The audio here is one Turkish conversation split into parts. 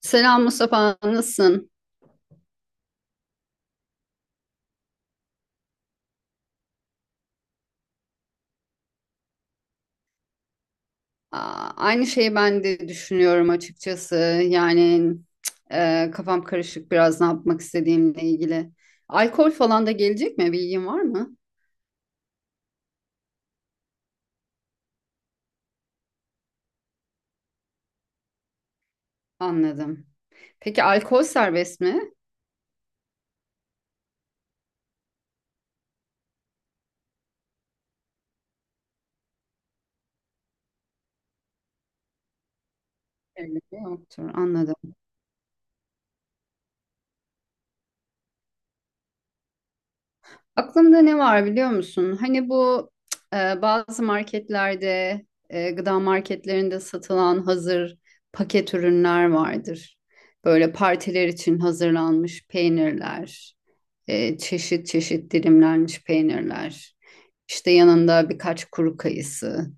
Selam Mustafa, nasılsın? Aa, aynı şeyi ben de düşünüyorum açıkçası. Yani kafam karışık biraz ne yapmak istediğimle ilgili. Alkol falan da gelecek mi? Bilgin var mı? Anladım. Peki alkol serbest mi? Evet, yoktur. Anladım. Aklımda ne var biliyor musun? Hani bu bazı marketlerde, gıda marketlerinde satılan hazır paket ürünler vardır. Böyle partiler için hazırlanmış peynirler, çeşit çeşit dilimlenmiş peynirler. İşte yanında birkaç kuru kayısı,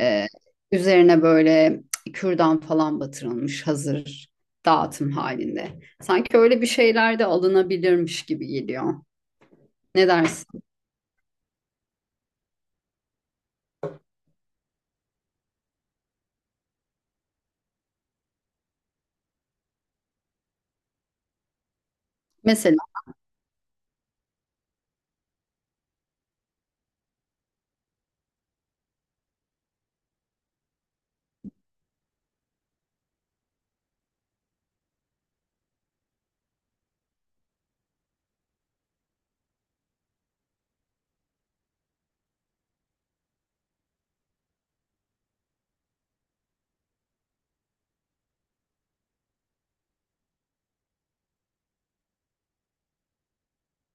e, üzerine böyle kürdan falan batırılmış hazır dağıtım halinde. Sanki öyle bir şeyler de alınabilirmiş gibi geliyor. Ne dersin? Mesela.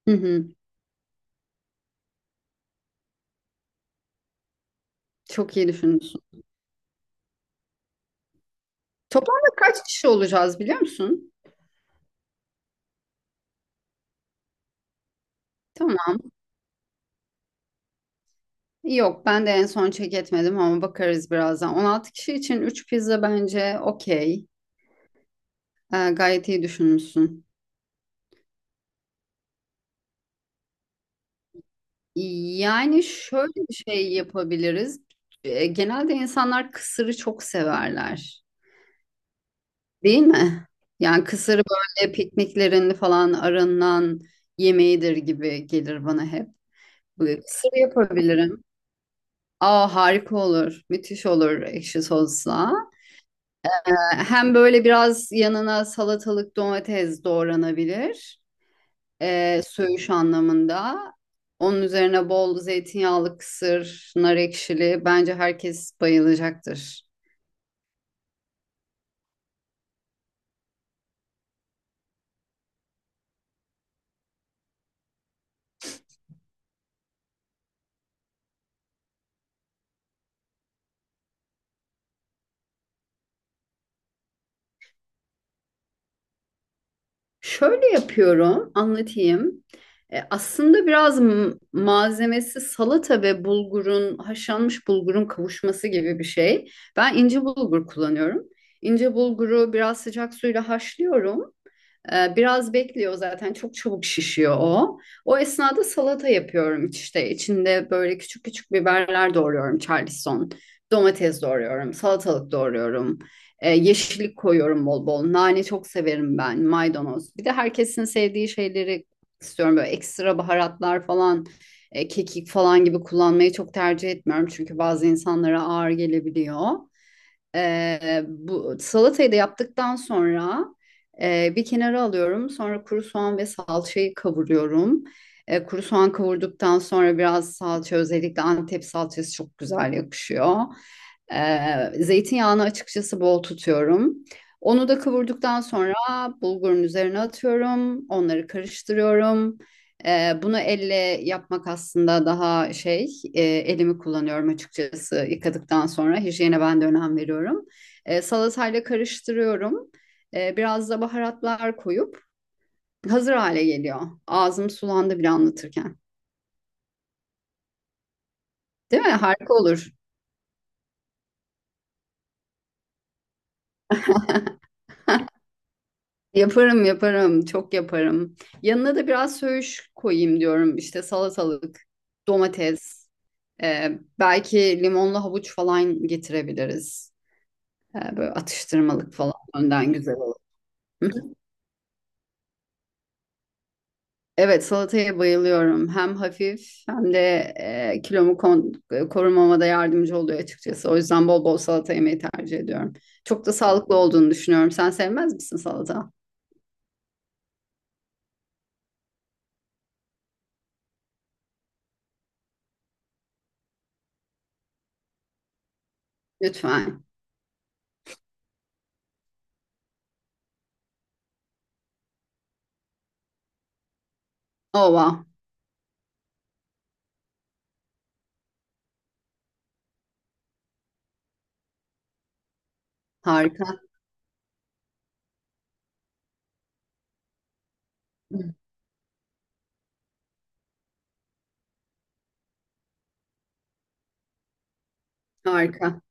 Hı hı. Çok iyi düşünmüşsün. Toplamda kaç kişi olacağız biliyor musun? Tamam. Yok ben de en son check etmedim ama bakarız birazdan. 16 kişi için 3 pizza bence okey. Gayet iyi düşünmüşsün. Yani şöyle bir şey yapabiliriz. Genelde insanlar kısırı çok severler. Değil mi? Yani kısırı böyle pikniklerin falan arınan yemeğidir gibi gelir bana hep. Böyle kısır yapabilirim. Aa, harika olur. Müthiş olur ekşi sosla. Hem böyle biraz yanına salatalık domates doğranabilir. Söğüş anlamında. Onun üzerine bol zeytinyağlı kısır, nar ekşili. Bence herkes bayılacaktır. Şöyle yapıyorum, anlatayım. Aslında biraz malzemesi salata ve bulgurun, haşlanmış bulgurun kavuşması gibi bir şey. Ben ince bulgur kullanıyorum. İnce bulguru biraz sıcak suyla haşlıyorum. Biraz bekliyor zaten çok çabuk şişiyor o. O esnada salata yapıyorum, işte içinde böyle küçük küçük biberler doğruyorum Charleston. Domates doğruyorum, salatalık doğruyorum. Yeşillik koyuyorum bol bol. Nane çok severim ben, maydanoz. Bir de herkesin sevdiği şeyleri istiyorum böyle ekstra baharatlar falan, kekik falan gibi kullanmayı çok tercih etmiyorum. Çünkü bazı insanlara ağır gelebiliyor. Bu salatayı da yaptıktan sonra bir kenara alıyorum. Sonra kuru soğan ve salçayı kavuruyorum. Kuru soğan kavurduktan sonra biraz salça, özellikle Antep salçası çok güzel yakışıyor. Zeytinyağını açıkçası bol tutuyorum. Onu da kavurduktan sonra bulgurun üzerine atıyorum. Onları karıştırıyorum. Bunu elle yapmak aslında daha şey, elimi kullanıyorum açıkçası yıkadıktan sonra. Hijyene ben de önem veriyorum. Salatayla karıştırıyorum. Biraz da baharatlar koyup hazır hale geliyor. Ağzım sulandı bile anlatırken. Değil mi? Harika olur. Yaparım, çok yaparım. Yanına da biraz söğüş koyayım diyorum. İşte salatalık, domates, belki limonlu havuç falan getirebiliriz. Böyle atıştırmalık falan önden güzel olur. Hı hı. Evet, salataya bayılıyorum. Hem hafif hem de e, kilomu kon- korumama da yardımcı oluyor açıkçası. O yüzden bol bol salata yemeyi tercih ediyorum. Çok da sağlıklı olduğunu düşünüyorum. Sen sevmez misin salata? Lütfen. Ova. Harika. Hı. Harika.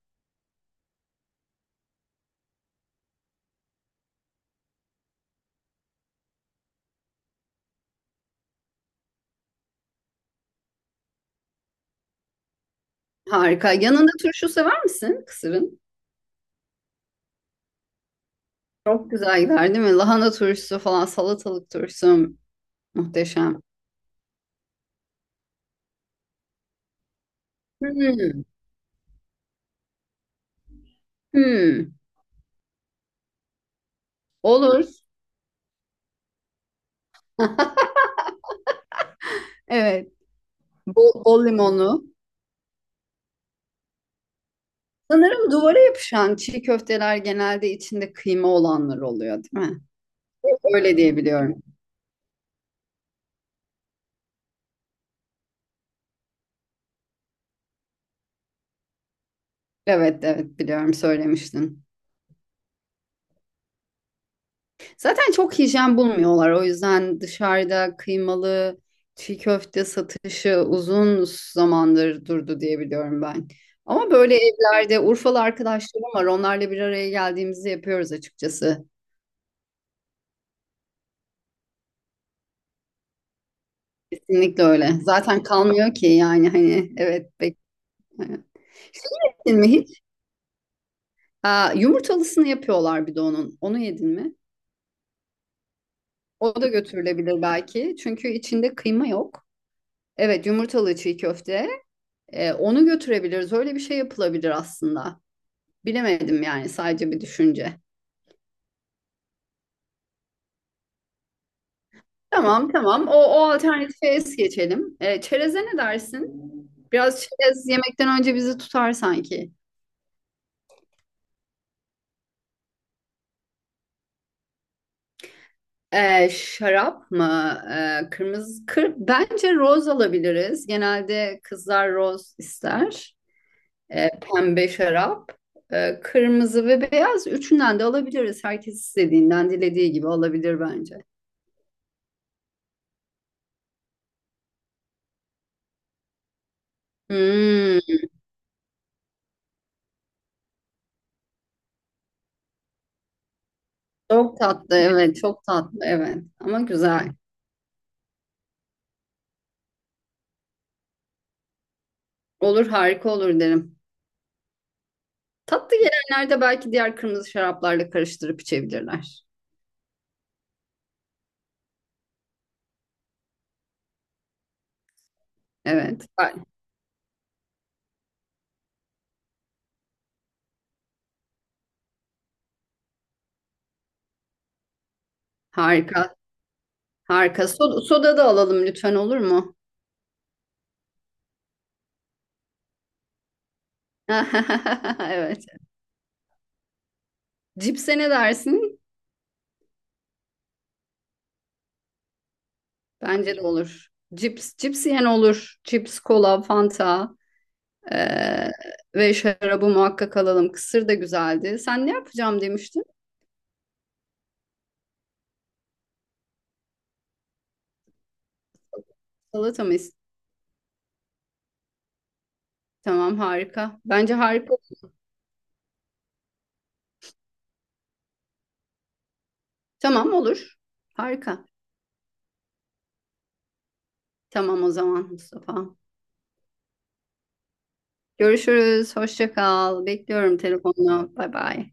Harika. Yanında turşu sever misin kısırın? Çok güzel gider, değil mi? Lahana turşusu falan, salatalık turşusu muhteşem. Hmm. Hmm. Olur. Evet. Bol, bol limonlu. Sanırım duvara yapışan çiğ köfteler genelde içinde kıyma olanlar oluyor, değil mi? Öyle diye biliyorum. Evet, evet biliyorum, söylemiştin. Zaten çok hijyen bulmuyorlar. O yüzden dışarıda kıymalı çiğ köfte satışı uzun zamandır durdu diye biliyorum ben. Ama böyle evlerde Urfalı arkadaşlarım var. Onlarla bir araya geldiğimizde yapıyoruz açıkçası. Kesinlikle öyle. Zaten kalmıyor ki, yani hani evet Bek. Ettin mi? Aa, yumurtalısını yapıyorlar bir de onun. Onu yedin mi? O da götürülebilir belki. Çünkü içinde kıyma yok. Evet, yumurtalı çiğ köfte. Onu götürebiliriz. Öyle bir şey yapılabilir aslında. Bilemedim, yani sadece bir düşünce. Tamam tamam. O alternatife es geçelim. Çereze ne dersin? Biraz çerez yemekten önce bizi tutar sanki. Şarap mı? Kırmızı kır. Bence roz alabiliriz. Genelde kızlar roz ister. Pembe şarap, kırmızı ve beyaz. Üçünden de alabiliriz. Herkes istediğinden, dilediği gibi alabilir bence. Hmm, çok tatlı, evet, çok tatlı, evet. Ama güzel. Olur, harika olur derim. Tatlı gelenlerde belki diğer kırmızı şaraplarla karıştırıp içebilirler. Evet, harika, harika. Soda, soda da alalım lütfen, olur mu? Evet. Cipse ne dersin? Bence de olur. Cips, cips yiyen olur. Cips, kola, fanta. Ee, ve şarabı muhakkak alalım. Kısır da güzeldi. Sen ne yapacağım demiştin? Salata mı? Tamam harika. Bence harika. Tamam olur. Harika. Tamam o zaman Mustafa. Görüşürüz. Hoşça kal. Bekliyorum telefonla. Bay bay.